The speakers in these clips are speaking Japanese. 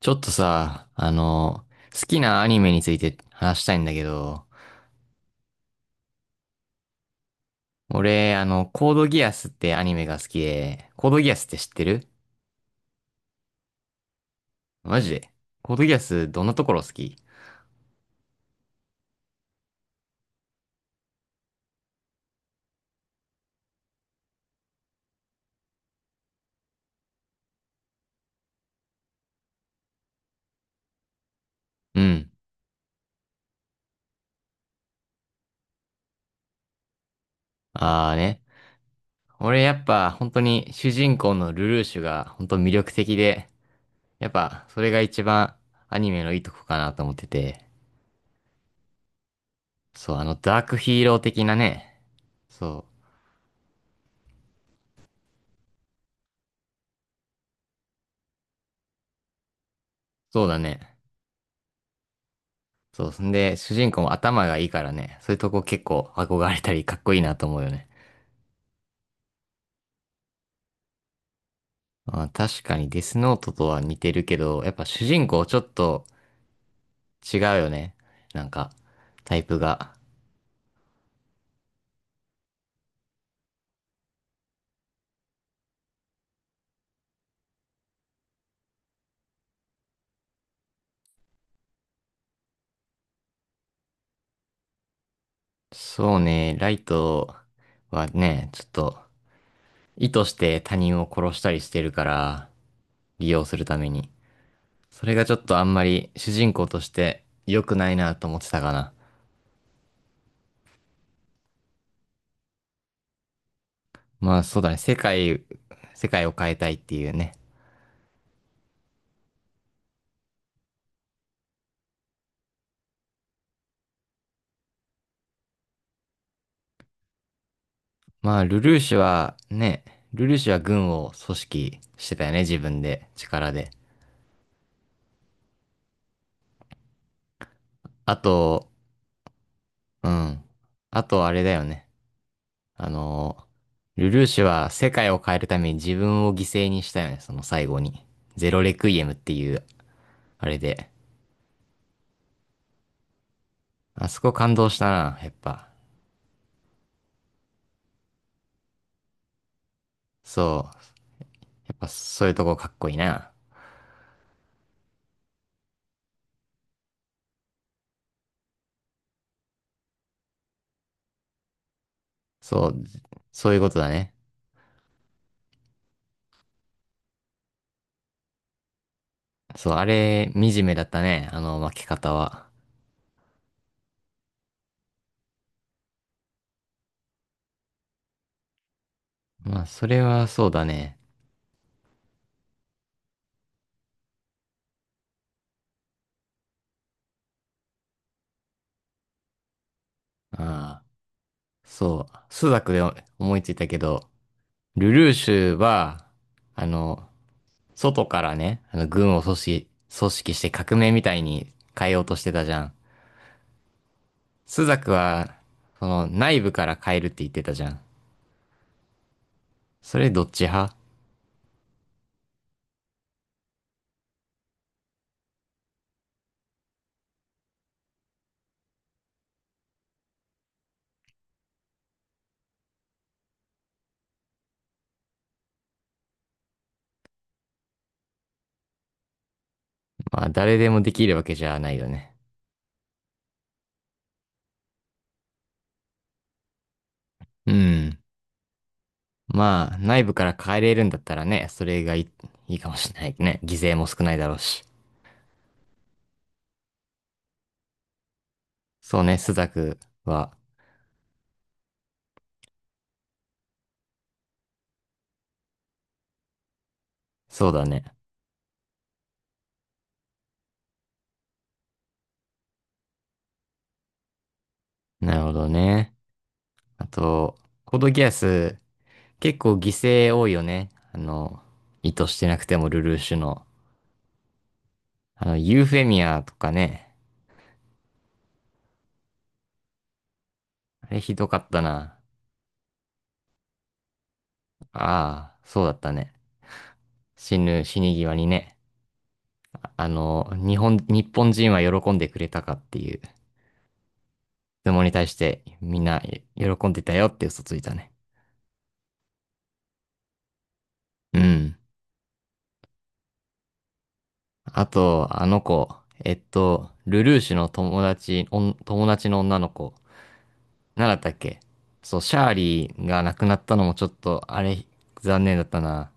ちょっとさ、好きなアニメについて話したいんだけど、俺、コードギアスってアニメが好きで、コードギアスって知ってる？マジで？コードギアスどんなところ好き？うん。あーね。俺やっぱ本当に主人公のルルーシュが本当魅力的で、やっぱそれが一番アニメのいいとこかなと思ってて、そう、あのダークヒーロー的なね、そう、そうだね。そう。んで、主人公も頭がいいからね、そういうとこ結構憧れたりかっこいいなと思うよね。まあ、確かにデスノートとは似てるけど、やっぱ主人公ちょっと違うよね。なんか、タイプが。そうね、ライトはね、ちょっと意図して他人を殺したりしてるから、利用するために。それがちょっとあんまり主人公として良くないなと思ってたかな。まあそうだね、世界、世界を変えたいっていうね。まあ、ルルーシュはね、ルルーシュは軍を組織してたよね、自分で、力で。あと、うん。あと、あれだよね。あの、ルルーシュは世界を変えるために自分を犠牲にしたよね、その最後に。ゼロレクイエムっていう、あれで。あそこ感動したな、やっぱ。そう。やっぱそういうとこかっこいいな。そう、そういうことだね。そう、あれ、惨めだったね、あの負け方は。まあ、それはそうだね。ああ。そう、スザクで思いついたけど、ルルーシュは、あの、外からね、軍を組織、組織して革命みたいに変えようとしてたじゃん。スザクは、その、内部から変えるって言ってたじゃん。それどっち派？まあ、誰でもできるわけじゃないよね。うん。まあ、内部から変えれるんだったらね、それがいい、いいかもしれないね。犠牲も少ないだろうし。そうね、スザクは、そうだね。なるほどね。あと、コードギアス、結構犠牲多いよね。あの、意図してなくてもルルーシュの。あの、ユーフェミアとかね。あれひどかったな。ああ、そうだったね。死に際にね。あの、日本人は喜んでくれたかっていう質問に対して、みんな喜んでたよって嘘ついたね。うん。あと、あの子、ルルーシュの友達、おん友達の女の子。なんだったっけ？そう、シャーリーが亡くなったのもちょっと、あれ、残念だったな。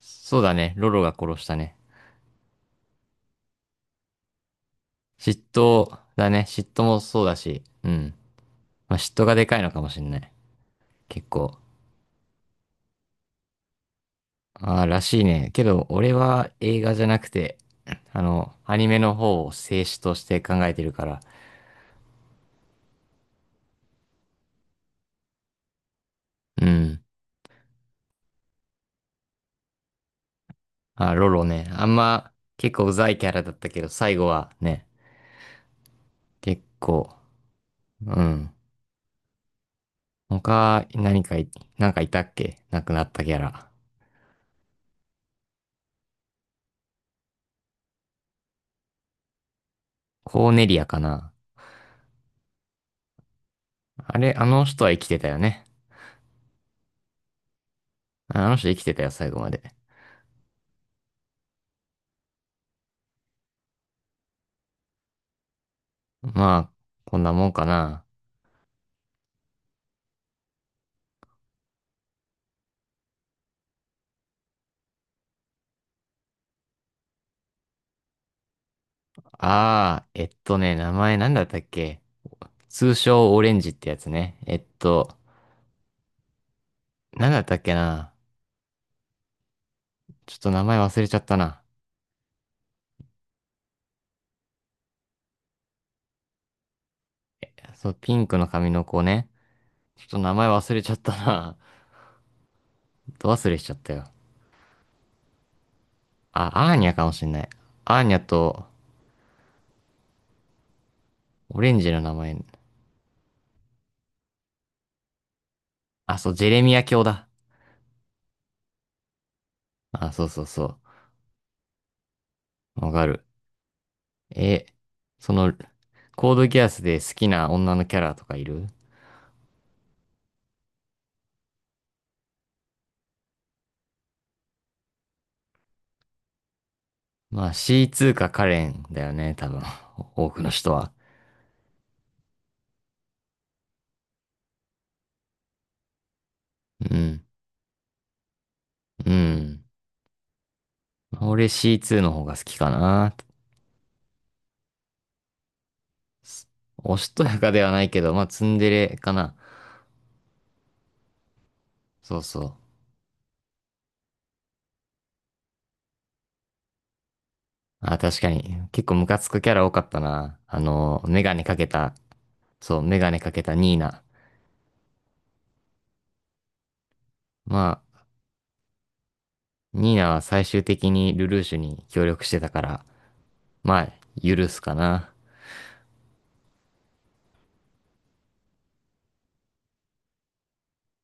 そうだね、ロロが殺したね。嫉妬だね、嫉妬もそうだし、うん。まあ、嫉妬がでかいのかもしんない。結構。ああ、らしいね。けど、俺は映画じゃなくて、あの、アニメの方を静止として考えてるから。うん。あ、ロロね。あんま、結構うざいキャラだったけど、最後はね、結構、うん。他、何かい、なんかいたっけ亡くなったキャラ。コーネリアかな？あれ、あの人は生きてたよね。あの人生きてたよ、最後まで。まあ、こんなもんかな。あー、名前なんだったっけ？通称オレンジってやつね。なんだったっけな？ちょっと名前忘れちゃったな。そう、ピンクの髪の子ね。ちょっと名前忘れちゃったな。ど忘れしちゃったよ。あ、アーニャかもしんない。アーニャと、オレンジの名前。あ、そう、ジェレミア卿だ。あ、そうそうそう。わかる。え、その、コードギアスで好きな女のキャラとかいる？まあ C2 かカレンだよね、多分。多くの人は。うん。うん。俺 C2 の方が好きかな。おしとやかではないけど、まあツンデレかな。そうそう。あ、確かに。結構ムカつくキャラ多かったな。あの、メガネかけた、そう、メガネかけたニーナ。まあ、ニーナは最終的にルルーシュに協力してたから、まあ、許すかな。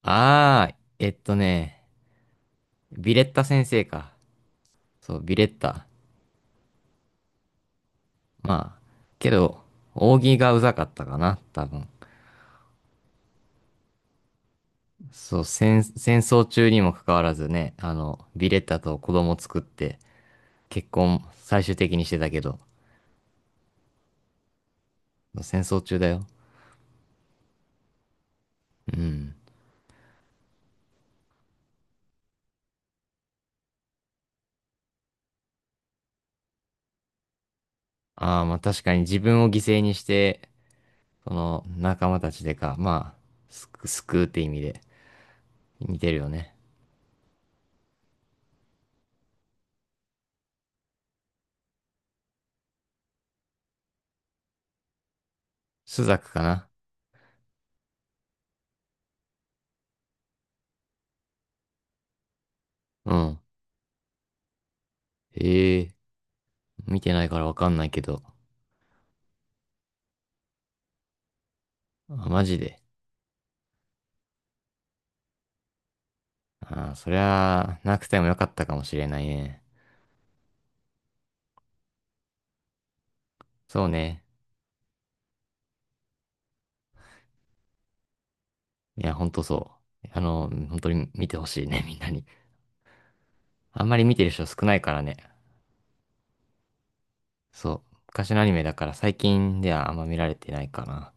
あー、ビレッタ先生か。そう、ビレッタ。まあ、けど、扇がうざかったかな、多分。そう、戦争中にもかかわらずね、あの、ビレッタと子供作って、結婚最終的にしてたけど、戦争中だよ。うん。ああ、まあ確かに自分を犠牲にして、その仲間たちでか、まあ、救うって意味で、似てるよね。朱雀かな？うん。へえ。見てないからわかんないけど。あ、マジで。ああ、そりゃ、なくてもよかったかもしれないね。そうね。いや、ほんとそう。あの、本当に見てほしいね、みんなに。あんまり見てる人少ないからね。そう。昔のアニメだから最近ではあんま見られてないかな。